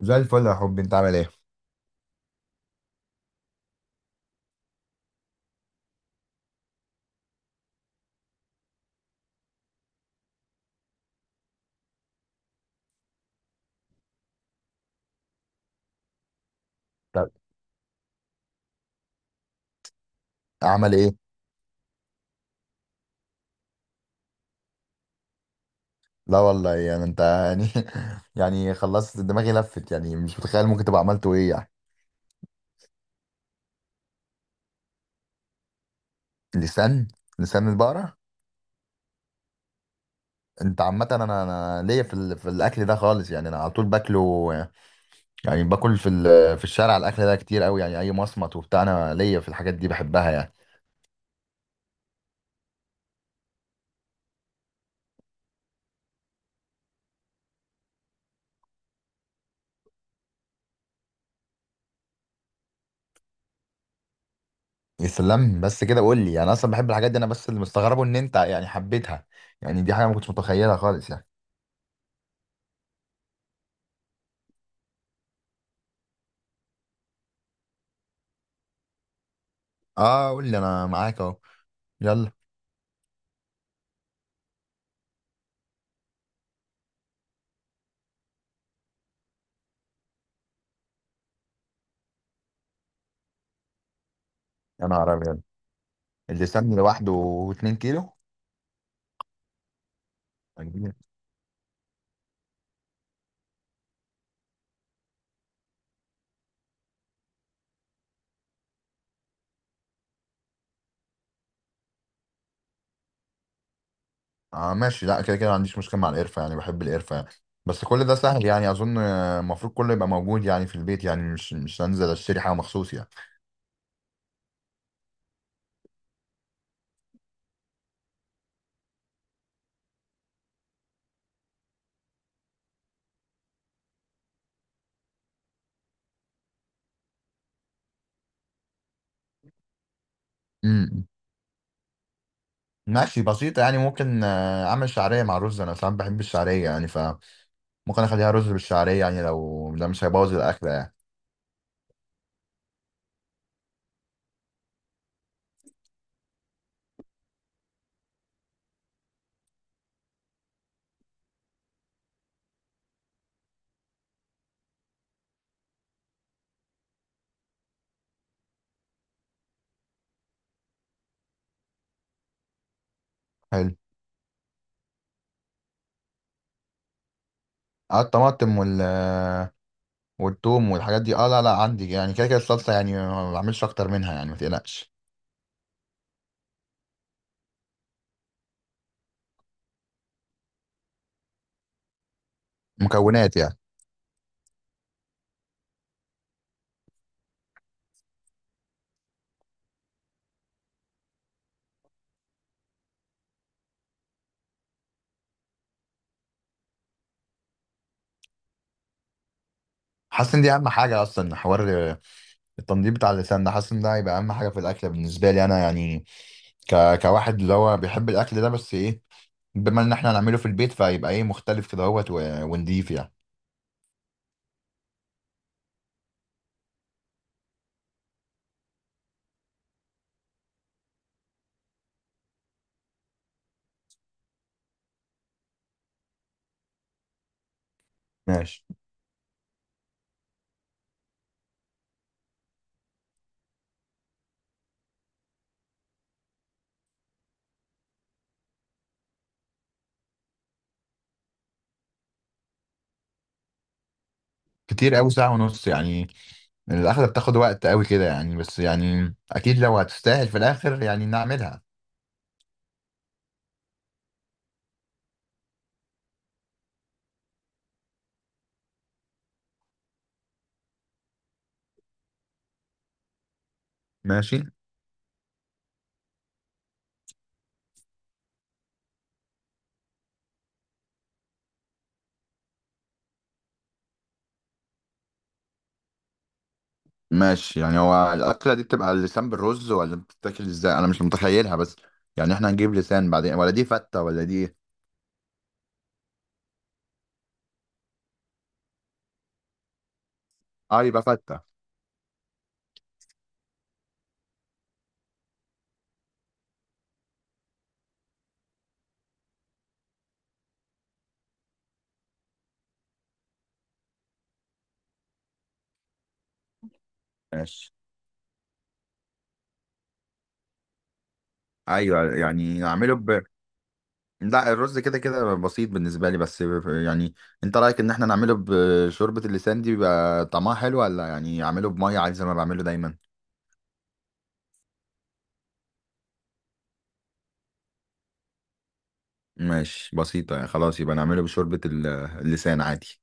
زي الفل يا حبي، انت عامل ايه؟ طب عمل ايه؟ لا والله، يعني انت يعني خلصت دماغي لفت، يعني مش متخيل ممكن تبقى عملته ايه يعني. لسان. لسان البقرة. انت عامة انا ليا في في الاكل ده خالص يعني، انا على طول باكله، يعني باكل في في الشارع، الاكل ده كتير قوي يعني، اي مصمت وبتاع، انا ليا في الحاجات دي، بحبها يعني. يا سلام، بس كده قول لي. يعني انا اصلا بحب الحاجات دي، انا بس اللي مستغربه ان انت يعني حبيتها، يعني دي حاجة ما كنتش متخيلها خالص يعني. اه قول لي، انا معاك اهو. يلا. يا نهار أبيض، اللسان لوحده 2 كيلو. أجيب-. اه ماشي، لا كده كده ما عنديش مشكله مع القرفه يعني، بحب القرفه يعني. بس كل ده سهل يعني، اظن المفروض كله يبقى موجود يعني في البيت، يعني مش هنزل اشتري حاجه مخصوص يعني. امم ماشي بسيطه يعني. ممكن اعمل شعريه مع رز، انا ساعات بحب الشعريه يعني، فممكن اخليها رز بالشعريه يعني، لو ده مش هيبوظ الاكله يعني. حلو. اه الطماطم وال والثوم والحاجات دي، اه لا لا عندي يعني. كده كده الصلصه يعني ما بعملش اكتر منها يعني، ما تقلقش. مكونات يعني. حاسس ان دي اهم حاجه اصلا، حوار التنظيف بتاع اللسان ده، حاسس ان ده هيبقى اهم حاجه في الاكل بالنسبه لي انا يعني، كواحد اللي هو بيحب الاكل ده. بس ايه، بما ان احنا هنعمله في البيت فهيبقى ايه مختلف كده اهوت ونضيف يعني. ماشي. كتير قوي ساعه ونص يعني، الاكله بتاخد وقت قوي كده يعني، بس يعني اكيد لو هتستاهل في الاخر يعني نعملها. ماشي. ماشي يعني، هو الاكله دي بتبقى اللسان بالرز، ولا بتتاكل ازاي؟ انا مش متخيلها بس، يعني احنا هنجيب لسان بعدين، ولا دي فته، ولا دي إيه؟ اه يبقى فته. ماشي. ايوه يعني اعمله ب. لا الرز كده كده بسيط بالنسبه لي، بس يعني انت رايك ان احنا نعمله بشوربه اللسان دي بيبقى طعمها حلو، ولا يعني اعمله بميه عادي زي ما بعمله دايما؟ ماشي بسيطه يعني، خلاص يبقى نعمله بشوربه اللسان عادي.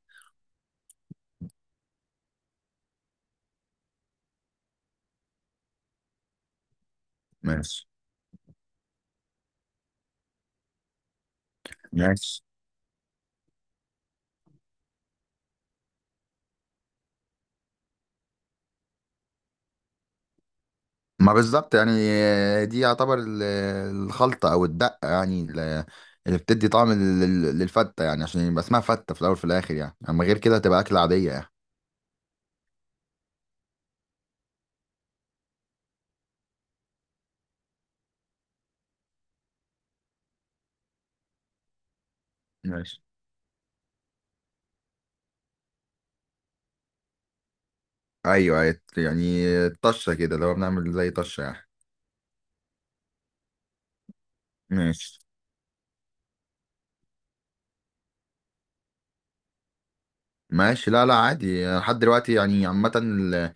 ماشي. ماشي، ما بالظبط يعني. دي يعتبر الخلطه او الدقه يعني، اللي بتدي طعم للفته يعني، عشان يبقى اسمها فته في الاول وفي الاخر يعني. اما غير كده هتبقى اكله عاديه يعني. ماشي. ايوه أيوة، يعني طشه كده، لو بنعمل زي طشه يعني. ماشي. ماشي لا لا عادي، أنا لحد دلوقتي يعني، عامة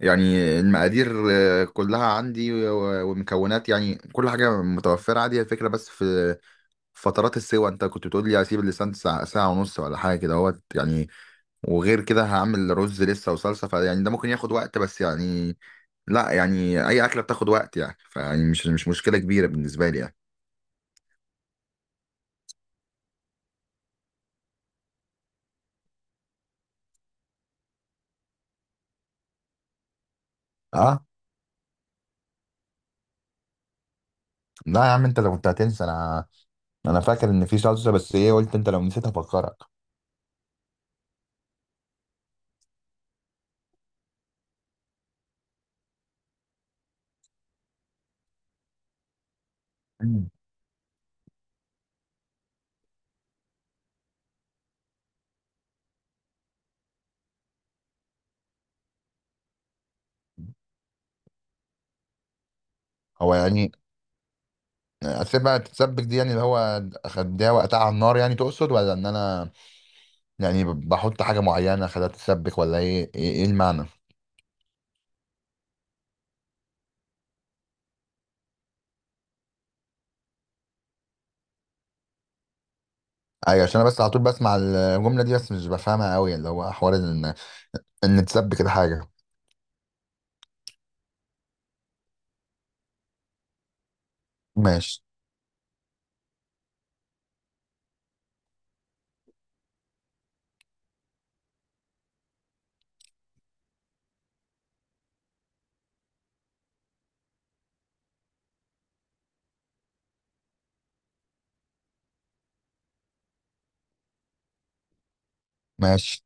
يعني المقادير كلها عندي ومكونات، يعني كل حاجة متوفرة عادي. هي الفكرة بس في فترات السوا انت كنت بتقول لي هسيب اللسان ساعة, ساعة ونص، ولا حاجة كده اهوت يعني. وغير كده هعمل رز لسه وصلصة، فيعني ده ممكن ياخد وقت. بس يعني لا، يعني أي أكلة بتاخد وقت يعني، فيعني مش مشكلة كبيرة بالنسبة لي يعني. اه. لا يا عم، انت لو كنت هتنسى، انا فاكر ان في صلصه، بس ايه قلت انت لو نسيت هفكرك. مم. هو يعني اسيبها تتسبك دي يعني، اللي هو اخدها وقتها على النار يعني تقصد، ولا ان انا يعني بحط حاجه معينه اخدها تتسبك، ولا ايه ايه, إيه المعنى؟ ايوه، عشان انا بس على طول بسمع الجمله دي، بس مش بفهمها قوي، اللي هو حوار ان ان تسبك الحاجه. ماشي. ماشي،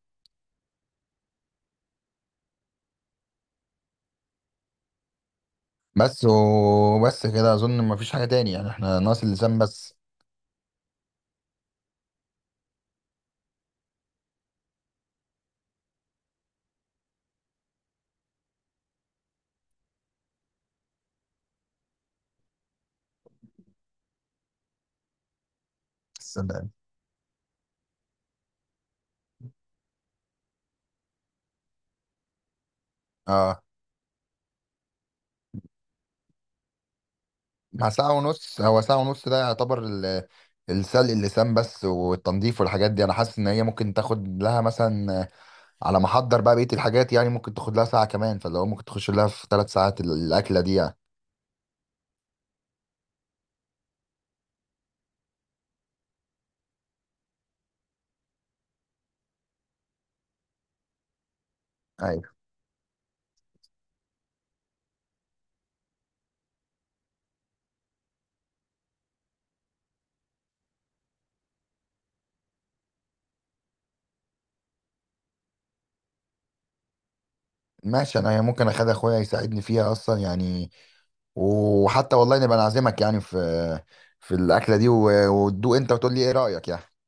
بس وبس كده اظن مفيش حاجه تاني يعني، احنا ناقص اللسان بس. سلام. اه، مع ساعة ونص. هو ساعة ونص ده يعتبر السلق اللسان بس، والتنظيف والحاجات دي، انا حاسس ان هي ممكن تاخد لها مثلا على ما احضر بقى بقية الحاجات يعني، ممكن تاخد لها ساعة كمان، فاللي هو ممكن تخش لها في 3 ساعات الأكلة دي يعني. ايوه. ماشي، انا ممكن اخد اخويا يساعدني فيها اصلا يعني، وحتى والله نبقى نعزمك يعني في في الأكلة دي، وتدوق انت وتقول لي ايه رأيك يعني.